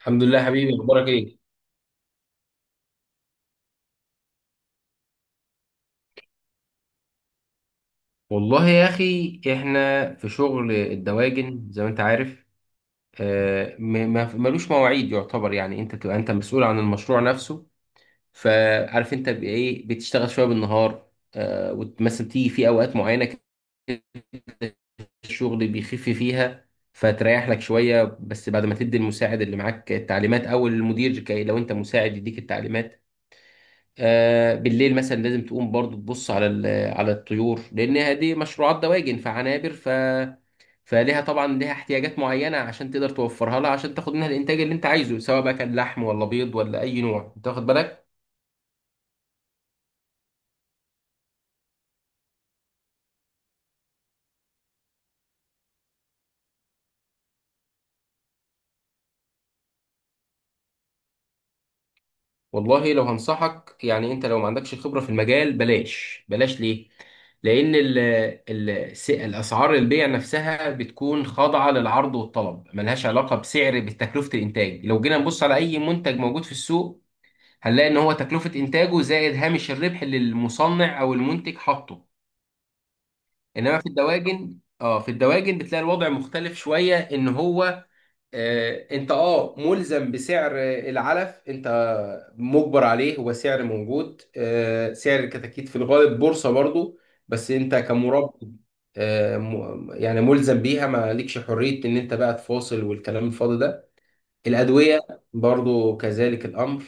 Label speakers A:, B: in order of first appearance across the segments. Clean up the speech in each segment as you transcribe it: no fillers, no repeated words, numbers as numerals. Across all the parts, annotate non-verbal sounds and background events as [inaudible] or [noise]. A: الحمد لله يا حبيبي، اخبارك ايه؟ والله يا أخي، إحنا في شغل الدواجن زي ما أنت عارف. ملوش مواعيد يعتبر. يعني أنت بتبقى أنت مسؤول عن المشروع نفسه، فعارف أنت بإيه بتشتغل. شوية بالنهار، ومثلا تيجي في أوقات معينة كده الشغل بيخف فيها فتريح لك شوية، بس بعد ما تدي المساعد اللي معاك التعليمات، أو المدير كي لو أنت مساعد يديك التعليمات. بالليل مثلا لازم تقوم برضو تبص على على الطيور، لان دي مشروعات دواجن فعنابر فليها طبعا، ليها احتياجات معينه عشان تقدر توفرها لها، عشان تاخد منها الانتاج اللي انت عايزه، سواء بقى كان لحم ولا بيض ولا اي نوع، انت واخد بالك. والله، لو هنصحك يعني، انت لو ما عندكش خبره في المجال بلاش، بلاش ليه؟ لان الاسعار البيع نفسها بتكون خاضعه للعرض والطلب، ملهاش علاقه بسعر بتكلفه الانتاج. لو جينا نبص على اي منتج موجود في السوق، هنلاقي ان هو تكلفة انتاجه زائد هامش الربح اللي المصنع او المنتج حاطه. انما في الدواجن، بتلاقي الوضع مختلف شوية. ان هو انت ملزم بسعر، العلف انت مجبر عليه، هو سعر موجود، سعر الكتاكيت في الغالب بورصة برضو، بس انت كمربي يعني ملزم بيها، ما لكش حرية ان انت بقى تفاصل والكلام الفاضي ده. الأدوية برضو كذلك الأمر،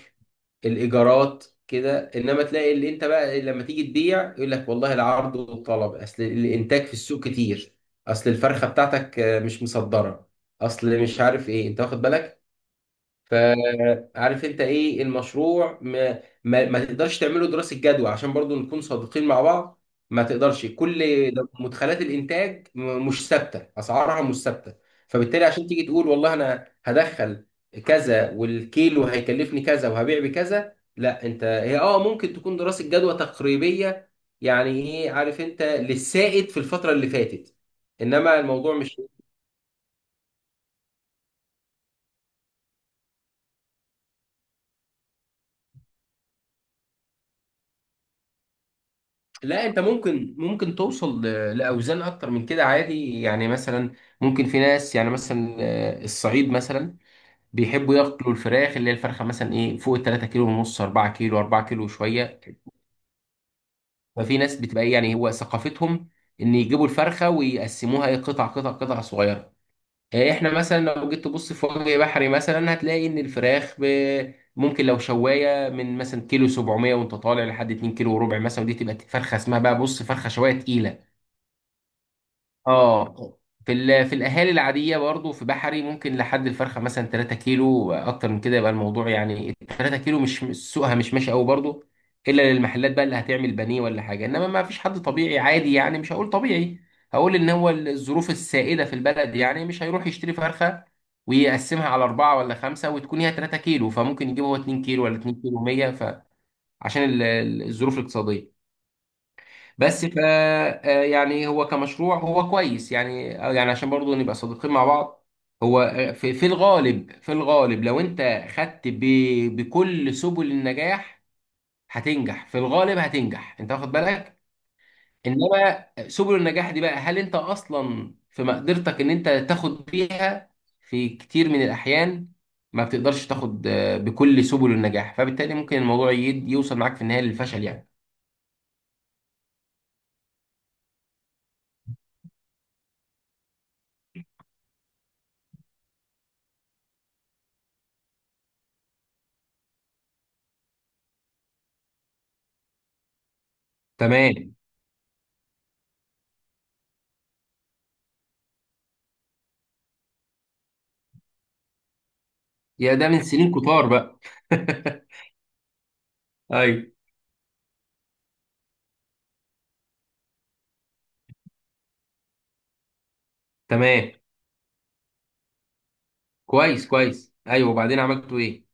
A: الإيجارات كده. إنما تلاقي اللي أنت بقى لما تيجي تبيع يقول لك والله العرض والطلب، أصل الإنتاج في السوق كتير، أصل الفرخة بتاعتك، مش مصدرة، أصل مش عارف إيه، أنت واخد بالك. فعارف انت ايه المشروع؟ ما تقدرش تعمله دراسة جدوى، عشان برضو نكون صادقين مع بعض. ما تقدرش، كل مدخلات الانتاج مش ثابتة، اسعارها مش ثابتة. فبالتالي عشان تيجي تقول والله انا هدخل كذا والكيلو هيكلفني كذا وهبيع بكذا، لا. انت هي ممكن تكون دراسة جدوى تقريبية، يعني ايه، عارف انت، للسائد في الفترة اللي فاتت، انما الموضوع مش... لا، انت ممكن، توصل لاوزان اكتر من كده عادي. يعني مثلا ممكن في ناس، يعني مثلا الصعيد مثلا بيحبوا ياكلوا الفراخ، اللي هي الفرخه مثلا ايه فوق ال 3 كيلو ونص، 4 كيلو، 4 كيلو وشويه. ففي ناس بتبقى ايه يعني هو ثقافتهم ان يجيبوا الفرخه ويقسموها ايه قطع قطع قطع صغيره. احنا مثلا لو جيت تبص في وجه بحري مثلا، هتلاقي ان الفراخ ممكن لو شوايه من مثلا كيلو 700 وانت طالع لحد 2 كيلو وربع مثلا، ودي تبقى فرخه اسمها بقى بص فرخه شوايه تقيله. اه. في في الاهالي العاديه برضو في بحري ممكن لحد الفرخه مثلا 3 كيلو، اكتر من كده يبقى الموضوع يعني 3 كيلو، مش سوقها مش ماشي قوي برضو، الا للمحلات بقى اللي هتعمل بانيه ولا حاجه. انما ما فيش حد طبيعي عادي، يعني مش هقول طبيعي، هقول ان هو الظروف السائده في البلد، يعني مش هيروح يشتري فرخه ويقسمها على أربعة ولا خمسة وتكون هي 3 كيلو، فممكن يجيب هو 2 كيلو ولا 2 كيلو 100، فعشان الظروف الاقتصادية. بس ف آه، يعني هو كمشروع هو كويس يعني، يعني عشان برضو نبقى صادقين مع بعض، هو في الغالب لو انت خدت بكل سبل النجاح هتنجح، في الغالب هتنجح، انت واخد بالك. انما سبل النجاح دي بقى، هل انت اصلا في مقدرتك ان انت تاخد بيها؟ في كتير من الاحيان ما بتقدرش تاخد بكل سبل النجاح، فبالتالي ممكن الموضوع يوصل معاك في النهاية للفشل يعني. تمام. يا، ده من سنين كتار بقى. [laughs] ايوه. تمام. كويس كويس، ايوه. وبعدين عملتوا ايه؟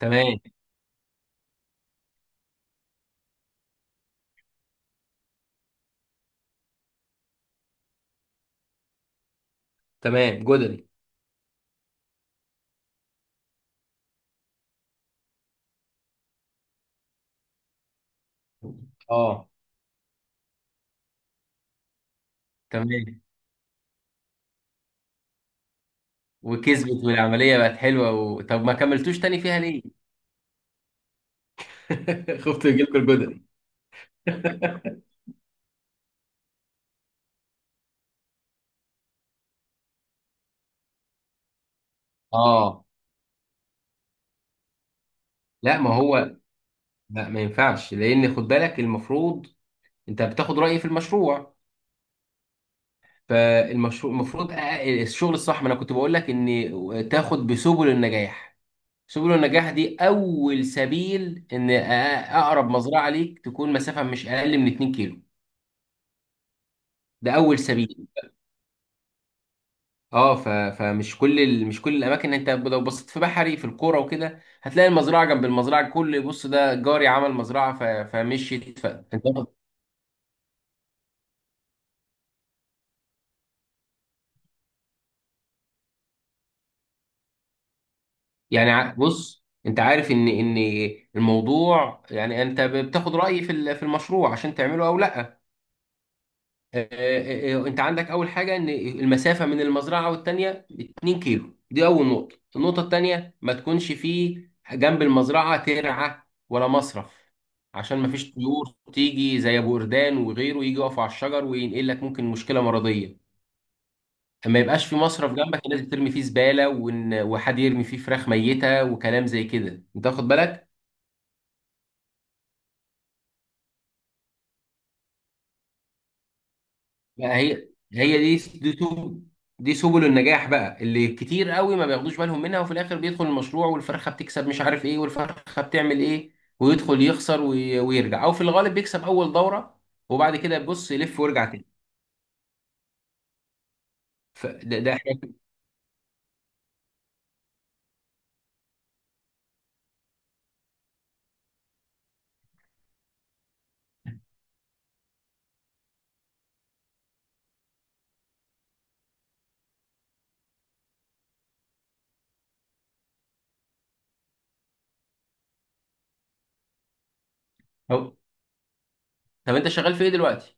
A: تمام. تمام، جدري. اه. تمام. وكسبت والعمليه بقت حلوه و... طب ما كملتوش تاني فيها ليه؟ [laughs] خفت يجيلكوا الجدري. [laughs] اه. لا ما هو، لا ما ينفعش. لان خد بالك، المفروض انت بتاخد رايي في المشروع، فالمشروع المفروض الشغل الصح، ما انا كنت بقول لك ان تاخد بسبل النجاح. سبل النجاح دي اول سبيل ان اقرب مزرعه ليك تكون مسافه مش اقل من 2 كيلو، ده اول سبيل. اه، ف... فمش كل ال... مش كل الاماكن. انت لو بصيت في بحري في القرى وكده هتلاقي المزرعه جنب المزرعه، كل بص ده جاري عمل مزرعه. فمشيت. انت يعني بص، انت عارف ان الموضوع، يعني انت بتاخد رايي في في المشروع عشان تعمله او لا. انت عندك اول حاجه ان المسافه من المزرعه والتانيه 2 كيلو، دي اول نقطه. النقطه التانيه ما تكونش فيه جنب المزرعه ترعه ولا مصرف، عشان ما فيش طيور تيجي زي ابو قردان وغيره يجي يقف على الشجر وينقل لك ممكن مشكله مرضيه. ما يبقاش في مصرف جنبك الناس بترمي فيه زباله، وحد يرمي فيه فراخ ميته وكلام زي كده، انت واخد بالك. لا، هي دي سبل النجاح بقى اللي كتير قوي ما بياخدوش بالهم منها، وفي الاخر بيدخل المشروع والفرخه بتكسب مش عارف ايه والفرخه بتعمل ايه، ويدخل يخسر ويرجع، او في الغالب بيكسب اول دوره وبعد كده بيبص يلف ويرجع تاني. فده احنا... أو- طب انت شغال في ايه دلوقتي؟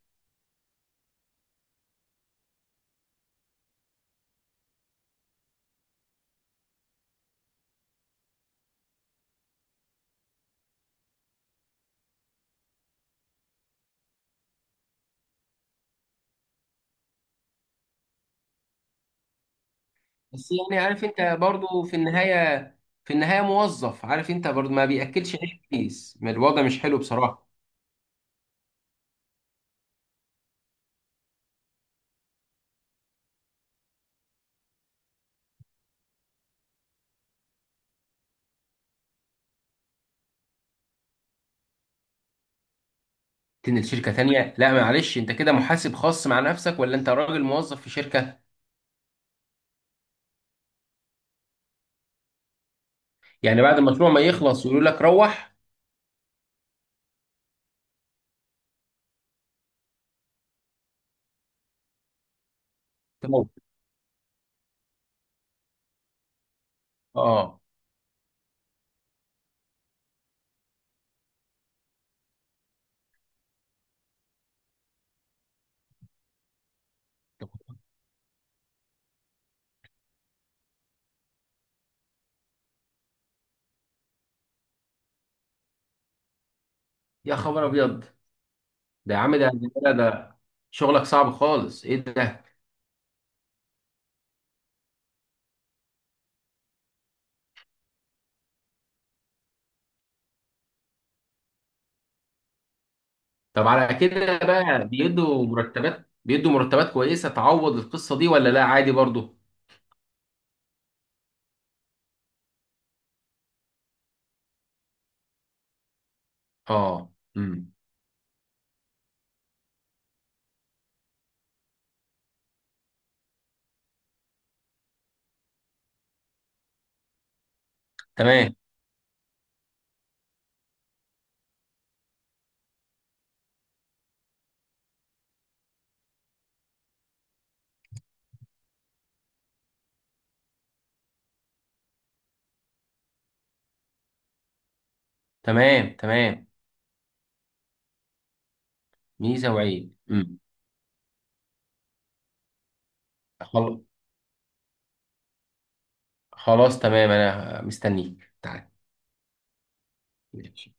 A: بس يعني عارف انت برضو في النهايه، موظف، عارف انت برضو ما بياكلش عيش كويس، ما الوضع مش حلو بصراحه. تنقل شركه تانيه؟ لا معلش، انت كده محاسب خاص مع نفسك، ولا انت راجل موظف في شركه؟ يعني بعد المشروع ما يخلص يقولوا لك روح تموت. اه. يا خبر ابيض، ده يا عم، ده شغلك صعب خالص، ايه ده؟ طب على كده بقى، بيدوا مرتبات، كويسه تعوض القصه دي ولا لا عادي برضو؟ اه. امم. تمام تمام. تمام، ميزه وعيب. امم. خل- خلاص تمام، انا مستنيك، تعال. ماشي.